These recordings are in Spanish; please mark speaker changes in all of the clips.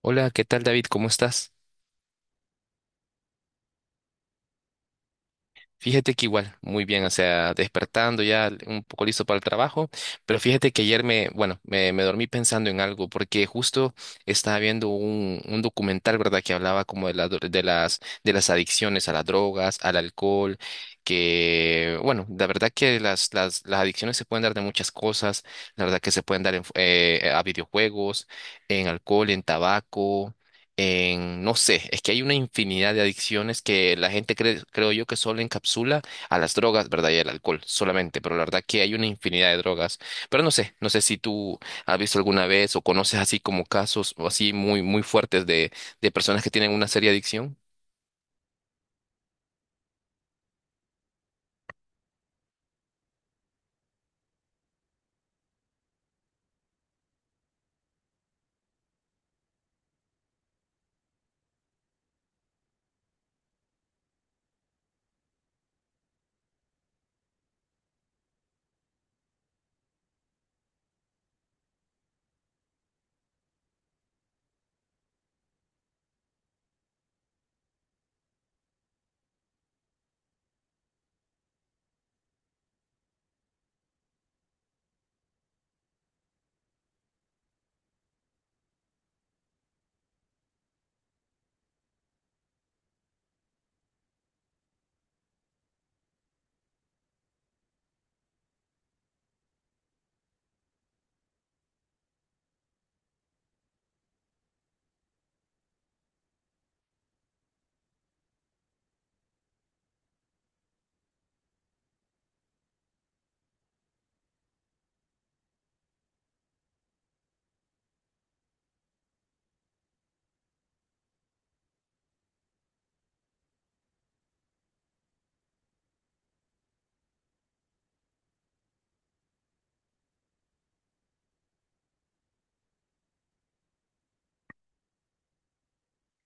Speaker 1: Hola, ¿qué tal, David? ¿Cómo estás? Fíjate que igual, muy bien, o sea, despertando ya un poco listo para el trabajo, pero fíjate que ayer me, bueno, me dormí pensando en algo, porque justo estaba viendo un documental, ¿verdad? Que hablaba como de, la dro- de las adicciones a las drogas, al alcohol, que, bueno, la verdad que las adicciones se pueden dar de muchas cosas, la verdad que se pueden dar en, fu- a videojuegos, en alcohol, en tabaco, en, no sé, es que hay una infinidad de adicciones que la gente cree, creo yo que solo encapsula a las drogas, ¿verdad? Y al alcohol solamente, pero la verdad que hay una infinidad de drogas. Pero no sé, no sé si tú has visto alguna vez o conoces así como casos o así muy, muy fuertes de personas que tienen una seria adicción.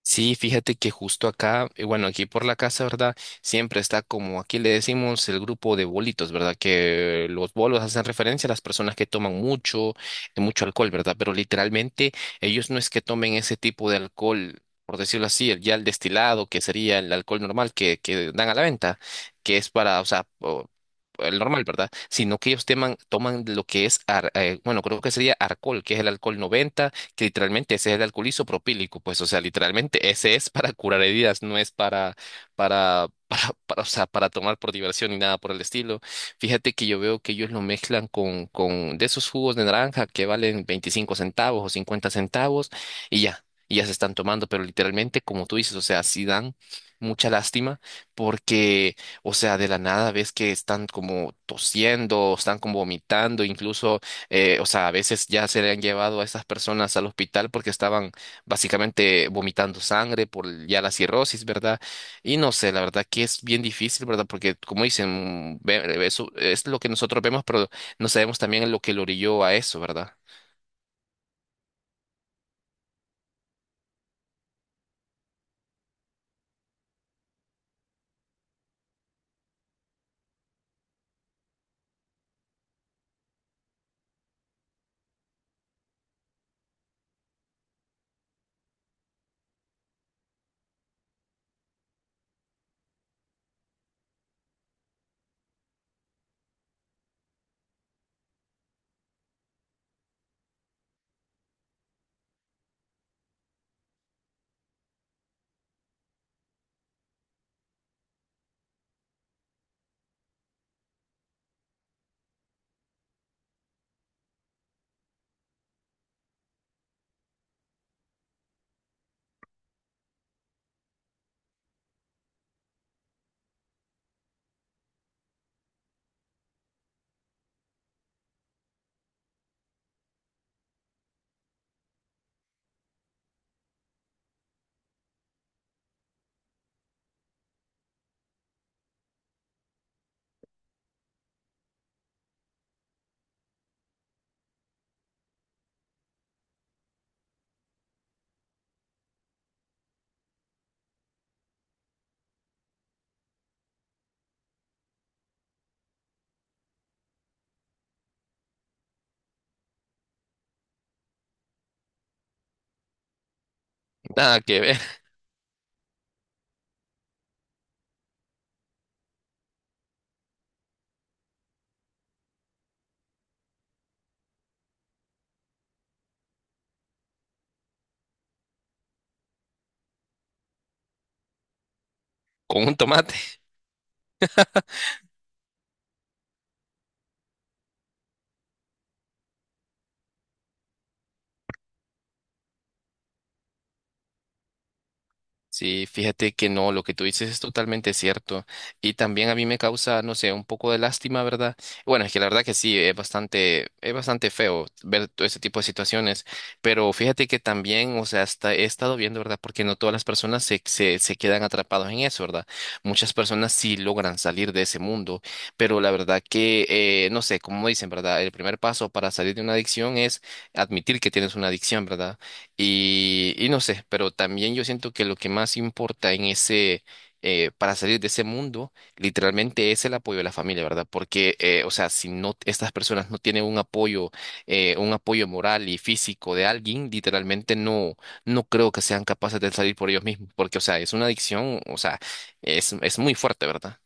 Speaker 1: Sí, fíjate que justo acá, bueno, aquí por la casa, ¿verdad? Siempre está, como aquí le decimos, el grupo de bolitos, ¿verdad? Que los bolos hacen referencia a las personas que toman mucho, mucho alcohol, ¿verdad? Pero literalmente ellos no es que tomen ese tipo de alcohol, por decirlo así, el- ya el destilado, que sería el alcohol normal que dan a la venta, que es para, o sea, o- el normal, ¿verdad? Sino que ellos teman- toman lo que es, ar- bueno, creo que sería alcohol, que es el alcohol 90, que literalmente ese es el alcohol isopropílico, pues, o sea, literalmente ese es para curar heridas, no es para, para, o sea, para tomar por diversión ni nada por el estilo. Fíjate que yo veo que ellos lo mezclan con de esos jugos de naranja que valen 25 centavos o 50 centavos y ya se están tomando, pero literalmente, como tú dices, o sea, sí dan mucha lástima porque, o sea, de la nada ves que están como tosiendo, están como vomitando, incluso o sea, a veces ya se le han llevado a estas personas al hospital porque estaban básicamente vomitando sangre por el- ya la cirrosis, ¿verdad? Y no sé, la verdad que es bien difícil, ¿verdad? Porque como dicen, ve- eso es lo que nosotros vemos, pero no sabemos también lo que lo orilló a eso, ¿verdad? Nada que ver con un tomate. Sí, fíjate que no, lo que tú dices es totalmente cierto. Y también a mí me causa, no sé, un poco de lástima, ¿verdad? Bueno, es que la verdad que sí, es bastante feo ver todo ese tipo de situaciones. Pero fíjate que también, o sea, hasta he estado viendo, ¿verdad? Porque no todas las personas se quedan atrapados en eso, ¿verdad? Muchas personas sí logran salir de ese mundo. Pero la verdad que, no sé, como dicen, ¿verdad? El primer paso para salir de una adicción es admitir que tienes una adicción, ¿verdad? Y no sé, pero también yo siento que lo que más importa en ese, para salir de ese mundo, literalmente es el apoyo de la familia, ¿verdad? Porque, o sea, si no, estas personas no tienen un apoyo moral y físico de alguien, literalmente no, no creo que sean capaces de salir por ellos mismos, porque, o sea, es una adicción, o sea, es muy fuerte, ¿verdad?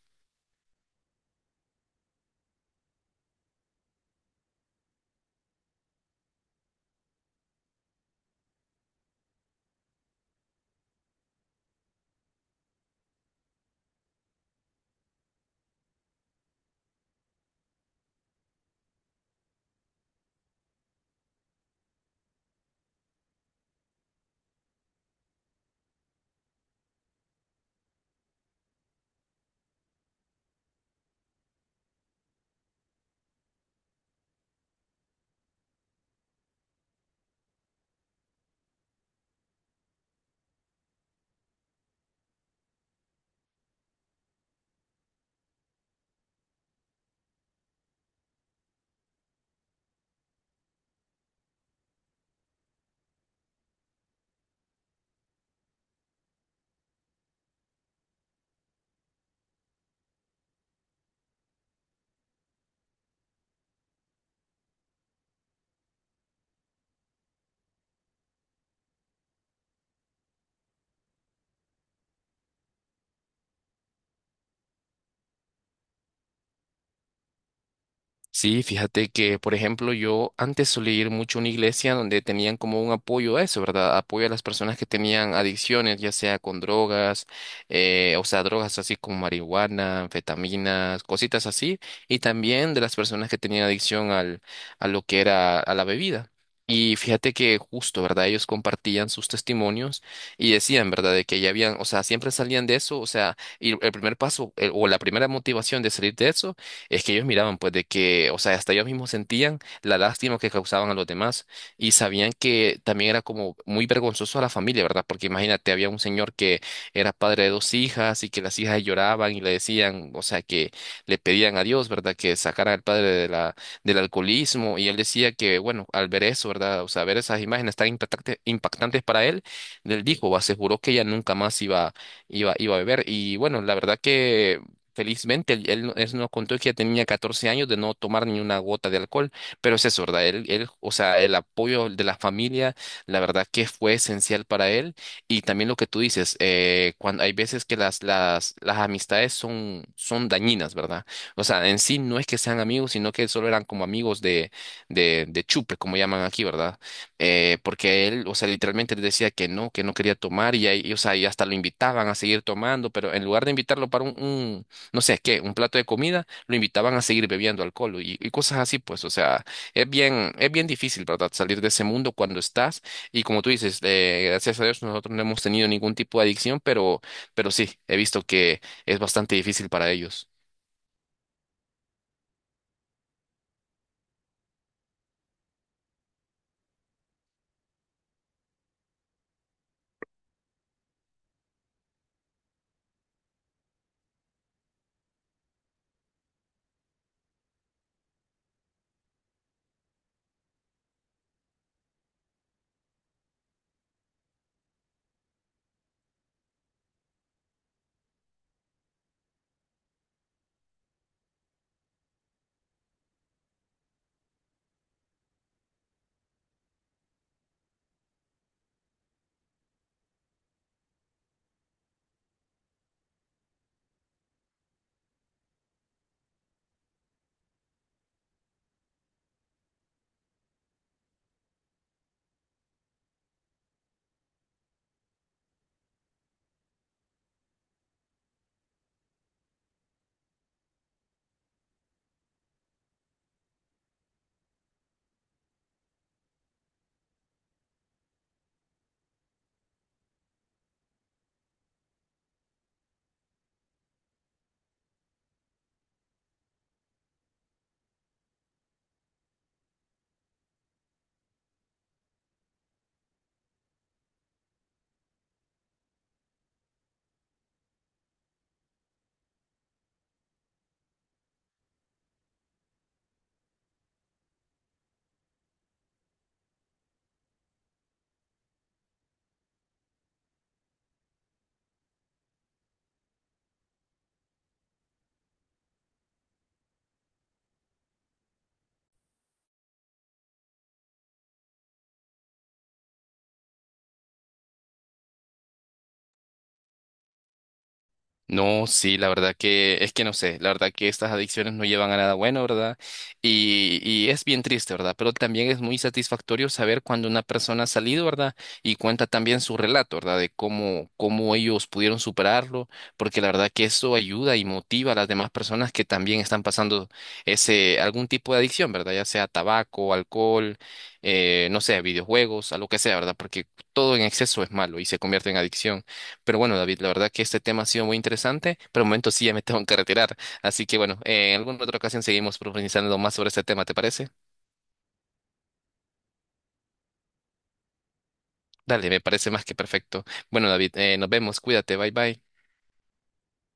Speaker 1: Sí, fíjate que, por ejemplo, yo antes solía ir mucho a una iglesia donde tenían como un apoyo a eso, ¿verdad? Apoyo a las personas que tenían adicciones, ya sea con drogas, o sea, drogas así como marihuana, anfetaminas, cositas así, y también de las personas que tenían adicción al, a lo que era a la bebida. Y fíjate que justo, ¿verdad? Ellos compartían sus testimonios y decían, ¿verdad? De que ya habían, o sea, siempre salían de eso, o sea, y el primer paso, el- o la primera motivación de salir de eso es que ellos miraban pues de que, o sea, hasta ellos mismos sentían la lástima que causaban a los demás y sabían que también era como muy vergonzoso a la familia, ¿verdad? Porque imagínate, había un señor que era padre de dos hijas y que las hijas lloraban y le decían, o sea, que le pedían a Dios, ¿verdad? Que sacara al padre de la, del alcoholismo y él decía que, bueno, al ver eso, ¿verdad? O sea, ver esas imágenes tan impactante- impactantes para él, él dijo, aseguró que ella nunca más iba, iba a beber y bueno, la verdad que... Felizmente, él no- él nos contó que ya tenía 14 años de no tomar ni una gota de alcohol, pero es eso, ¿verdad? Él, o sea, el apoyo de la familia, la verdad que fue esencial para él. Y también lo que tú dices, cuando hay veces que las amistades son, son dañinas, ¿verdad? O sea, en sí no es que sean amigos, sino que solo eran como amigos de, de chupe, como llaman aquí, ¿verdad? Porque él, o sea, literalmente le decía que no quería tomar y, ahí- y, o sea, y hasta lo invitaban a seguir tomando, pero en lugar de invitarlo para un no sé qué, un plato de comida, lo invitaban a seguir bebiendo alcohol y cosas así, pues, o sea, es bien difícil, ¿verdad? Salir de ese mundo cuando estás, y como tú dices, gracias a Dios nosotros no hemos tenido ningún tipo de adicción, pero sí, he visto que es bastante difícil para ellos. No, sí, la verdad que es que no sé, la verdad que estas adicciones no llevan a nada bueno, ¿verdad? Y es bien triste, ¿verdad? Pero también es muy satisfactorio saber cuando una persona ha salido, ¿verdad? Y cuenta también su relato, ¿verdad? De cómo, cómo ellos pudieron superarlo, porque la verdad que eso ayuda y motiva a las demás personas que también están pasando ese, algún tipo de adicción, ¿verdad? Ya sea tabaco, alcohol, no sé, videojuegos, a lo que sea, ¿verdad? Porque todo en exceso es malo y se convierte en adicción. Pero bueno, David, la verdad que este tema ha sido muy interesante, pero de momento sí ya me tengo que retirar. Así que bueno, en alguna otra ocasión seguimos profundizando más sobre este tema, ¿te parece? Dale, me parece más que perfecto. Bueno, David, nos vemos, cuídate, bye bye.